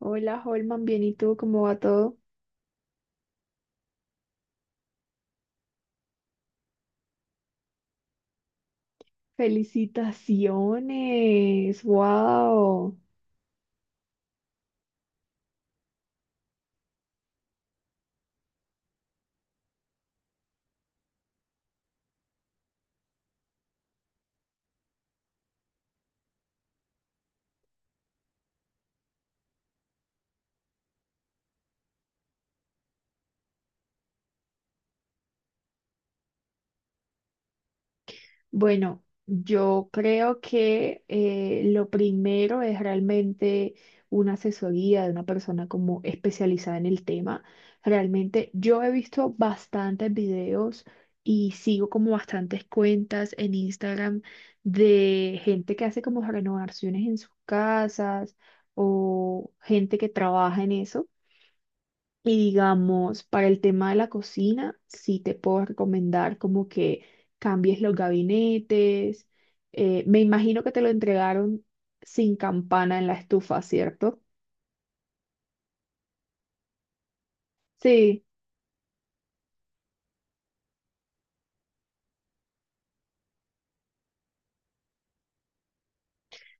Hola, Holman, bien, ¿y tú cómo va todo? Felicitaciones, wow. Bueno, yo creo que lo primero es realmente una asesoría de una persona como especializada en el tema. Realmente yo he visto bastantes videos y sigo como bastantes cuentas en Instagram de gente que hace como renovaciones en sus casas o gente que trabaja en eso. Y digamos, para el tema de la cocina, sí te puedo recomendar como que cambies los gabinetes. Me imagino que te lo entregaron sin campana en la estufa, ¿cierto? Sí.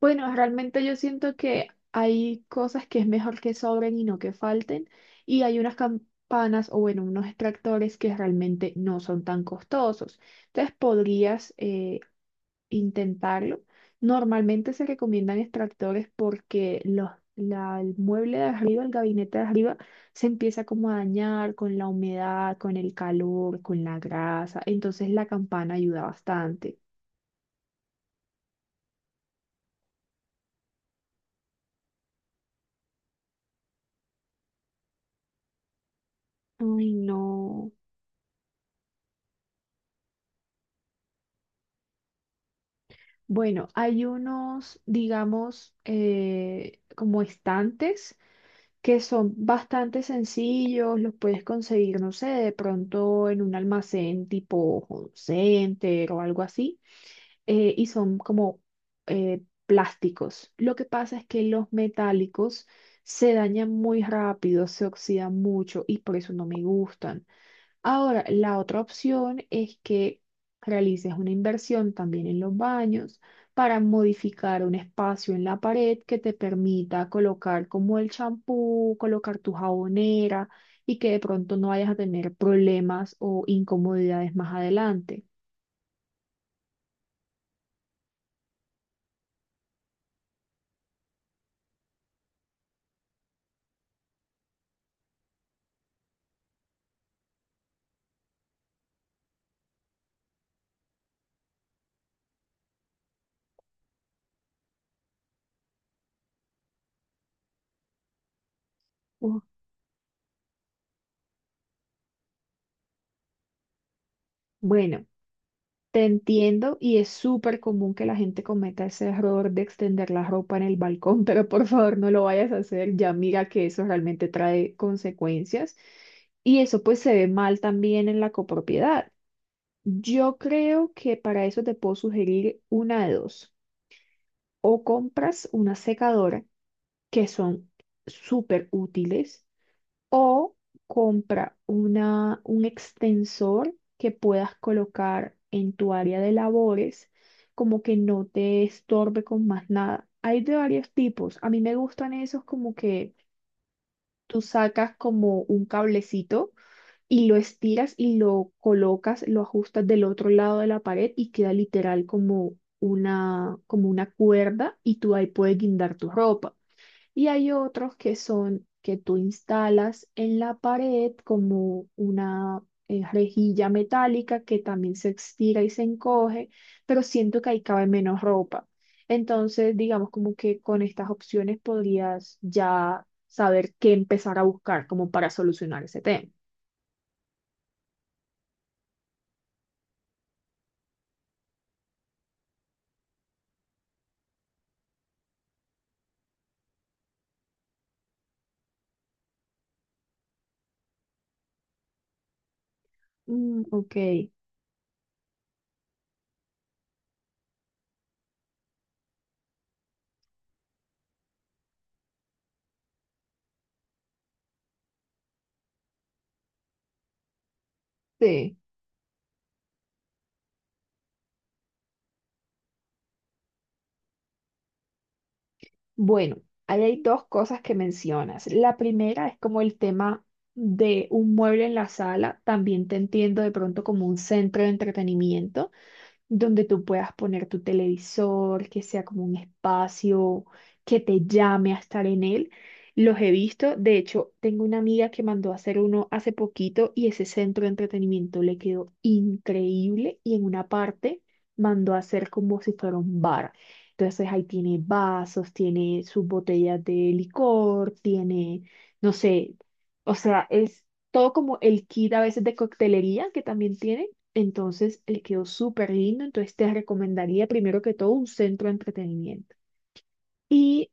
Bueno, realmente yo siento que hay cosas que es mejor que sobren y no que falten. Y hay unas campanas o bueno, unos extractores que realmente no son tan costosos. Entonces podrías intentarlo. Normalmente se recomiendan extractores porque el mueble de arriba, el gabinete de arriba, se empieza como a dañar con la humedad, con el calor, con la grasa. Entonces la campana ayuda bastante. Ay, no. Bueno, hay unos, digamos, como estantes que son bastante sencillos, los puedes conseguir, no sé, de pronto en un almacén tipo Home Center o algo así. Y son como plásticos. Lo que pasa es que los metálicos se dañan muy rápido, se oxidan mucho y por eso no me gustan. Ahora, la otra opción es que realices una inversión también en los baños para modificar un espacio en la pared que te permita colocar como el champú, colocar tu jabonera y que de pronto no vayas a tener problemas o incomodidades más adelante. Uh, Bueno. Te entiendo y es súper común que la gente cometa ese error de extender la ropa en el balcón, pero por favor no lo vayas a hacer, ya mira que eso realmente trae consecuencias y eso pues se ve mal también en la copropiedad. Yo creo que para eso te puedo sugerir una de dos, o compras una secadora que son súper útiles o compra una, un extensor que puedas colocar en tu área de labores, como que no te estorbe con más nada. Hay de varios tipos. A mí me gustan esos como que tú sacas como un cablecito y lo estiras y lo colocas, lo ajustas del otro lado de la pared y queda literal como una cuerda y tú ahí puedes guindar tu ropa. Y hay otros que son que tú instalas en la pared como una rejilla metálica que también se estira y se encoge, pero siento que ahí cabe menos ropa. Entonces, digamos como que con estas opciones podrías ya saber qué empezar a buscar como para solucionar ese tema. Mm, ok, sí. Bueno, ahí hay dos cosas que mencionas. La primera es como el tema de un mueble en la sala. También te entiendo de pronto como un centro de entretenimiento donde tú puedas poner tu televisor, que sea como un espacio que te llame a estar en él. Los he visto, de hecho, tengo una amiga que mandó a hacer uno hace poquito y ese centro de entretenimiento le quedó increíble y en una parte mandó a hacer como si fuera un bar. Entonces ahí tiene vasos, tiene sus botellas de licor, tiene, no sé, o sea, es todo como el kit a veces de coctelería que también tiene entonces, él quedó súper lindo. Entonces, te recomendaría primero que todo un centro de entretenimiento. Y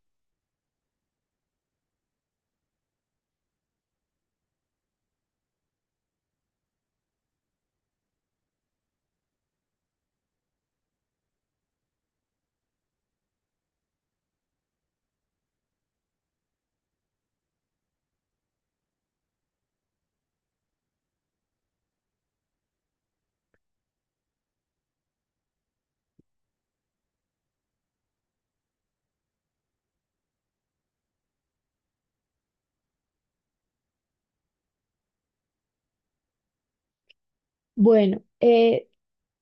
bueno, eh,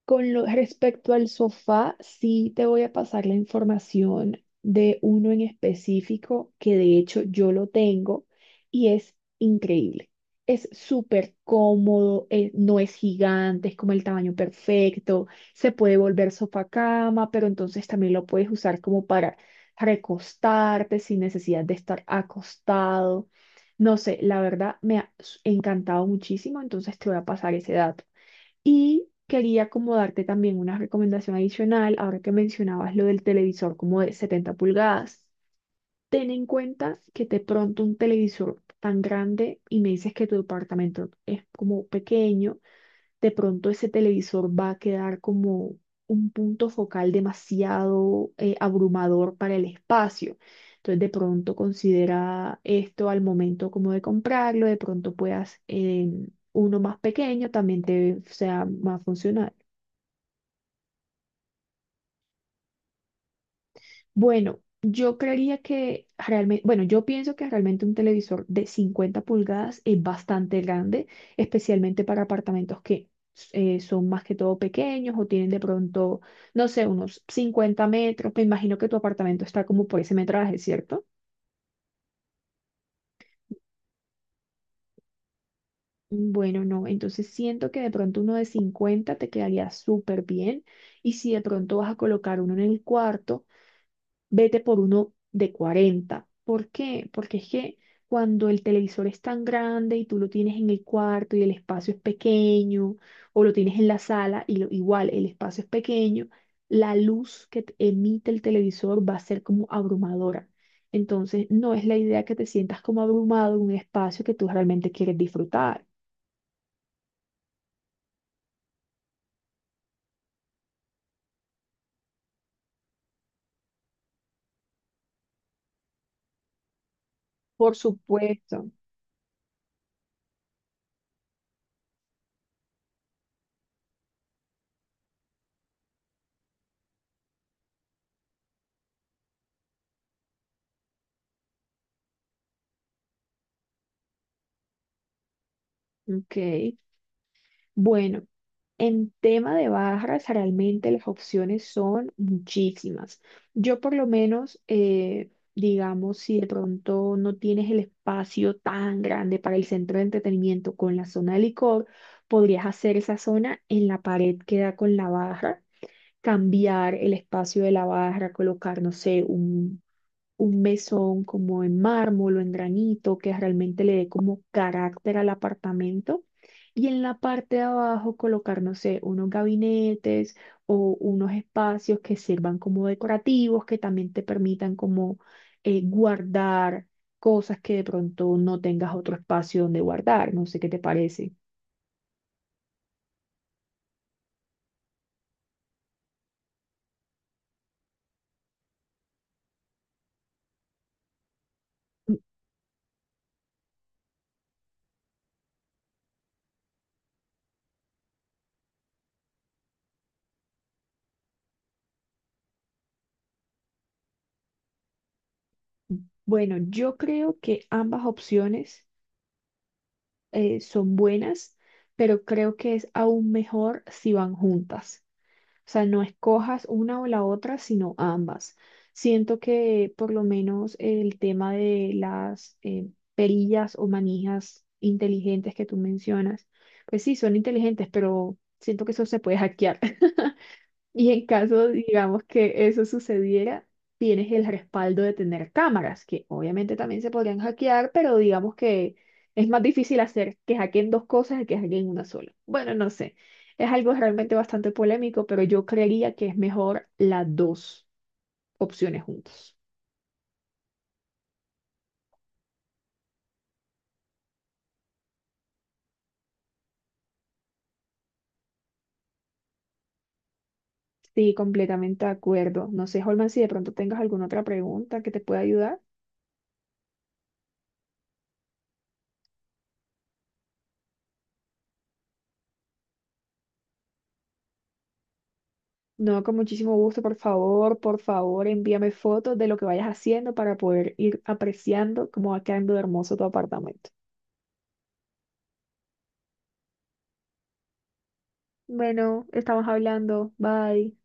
con lo, respecto al sofá, sí te voy a pasar la información de uno en específico que de hecho yo lo tengo y es increíble. Es súper cómodo, no es gigante, es como el tamaño perfecto, se puede volver sofá cama, pero entonces también lo puedes usar como para recostarte sin necesidad de estar acostado. No sé, la verdad me ha encantado muchísimo, entonces te voy a pasar ese dato. Y quería como darte también una recomendación adicional, ahora que mencionabas lo del televisor como de 70 pulgadas. Ten en cuenta que de pronto un televisor tan grande y me dices que tu departamento es como pequeño, de pronto ese televisor va a quedar como un punto focal demasiado abrumador para el espacio. Entonces de pronto considera esto al momento como de comprarlo, de pronto puedas uno más pequeño también te sea más funcional. Bueno, yo creería que realmente, bueno, yo pienso que realmente un televisor de 50 pulgadas es bastante grande, especialmente para apartamentos que son más que todo pequeños o tienen de pronto, no sé, unos 50 metros. Me imagino que tu apartamento está como por ese metraje, ¿cierto? Bueno, no, entonces siento que de pronto uno de 50 te quedaría súper bien y si de pronto vas a colocar uno en el cuarto. Vete por uno de 40. ¿Por qué? Porque es que cuando el televisor es tan grande y tú lo tienes en el cuarto y el espacio es pequeño, o lo tienes en la sala y igual el espacio es pequeño, la luz que te emite el televisor va a ser como abrumadora. Entonces, no es la idea que te sientas como abrumado en un espacio que tú realmente quieres disfrutar. Por supuesto. Ok. Bueno, en tema de barras, realmente las opciones son muchísimas. Yo por lo menos, digamos, si de pronto no tienes el espacio tan grande para el centro de entretenimiento con la zona de licor, podrías hacer esa zona en la pared que da con la barra cambiar el espacio de la barra, colocar, no sé, un mesón como en mármol o en granito que realmente le dé como carácter al apartamento. Y en la parte de abajo colocar, no sé, unos gabinetes o unos espacios que sirvan como decorativos, que también te permitan como guardar cosas que de pronto no tengas otro espacio donde guardar. No sé qué te parece. Mm, mm. Bueno, yo creo que ambas opciones son buenas, pero creo que es aún mejor si van juntas. O sea, no escojas una o la otra, sino ambas. Siento que por lo menos el tema de las perillas o manijas inteligentes que tú mencionas, pues sí, son inteligentes, pero siento que eso se puede hackear. Y en caso, digamos, que eso sucediera, tienes el respaldo de tener cámaras, que obviamente también se podrían hackear, pero digamos que es más difícil hacer que hackeen dos cosas que hackeen una sola. Bueno, no sé. Es algo realmente bastante polémico, pero yo creería que es mejor las dos opciones juntas. Sí, completamente de acuerdo. No sé, Holman, si de pronto tengas alguna otra pregunta que te pueda ayudar. No, con muchísimo gusto, por favor, envíame fotos de lo que vayas haciendo para poder ir apreciando cómo va quedando de hermoso tu apartamento. Bueno, estamos hablando. Bye.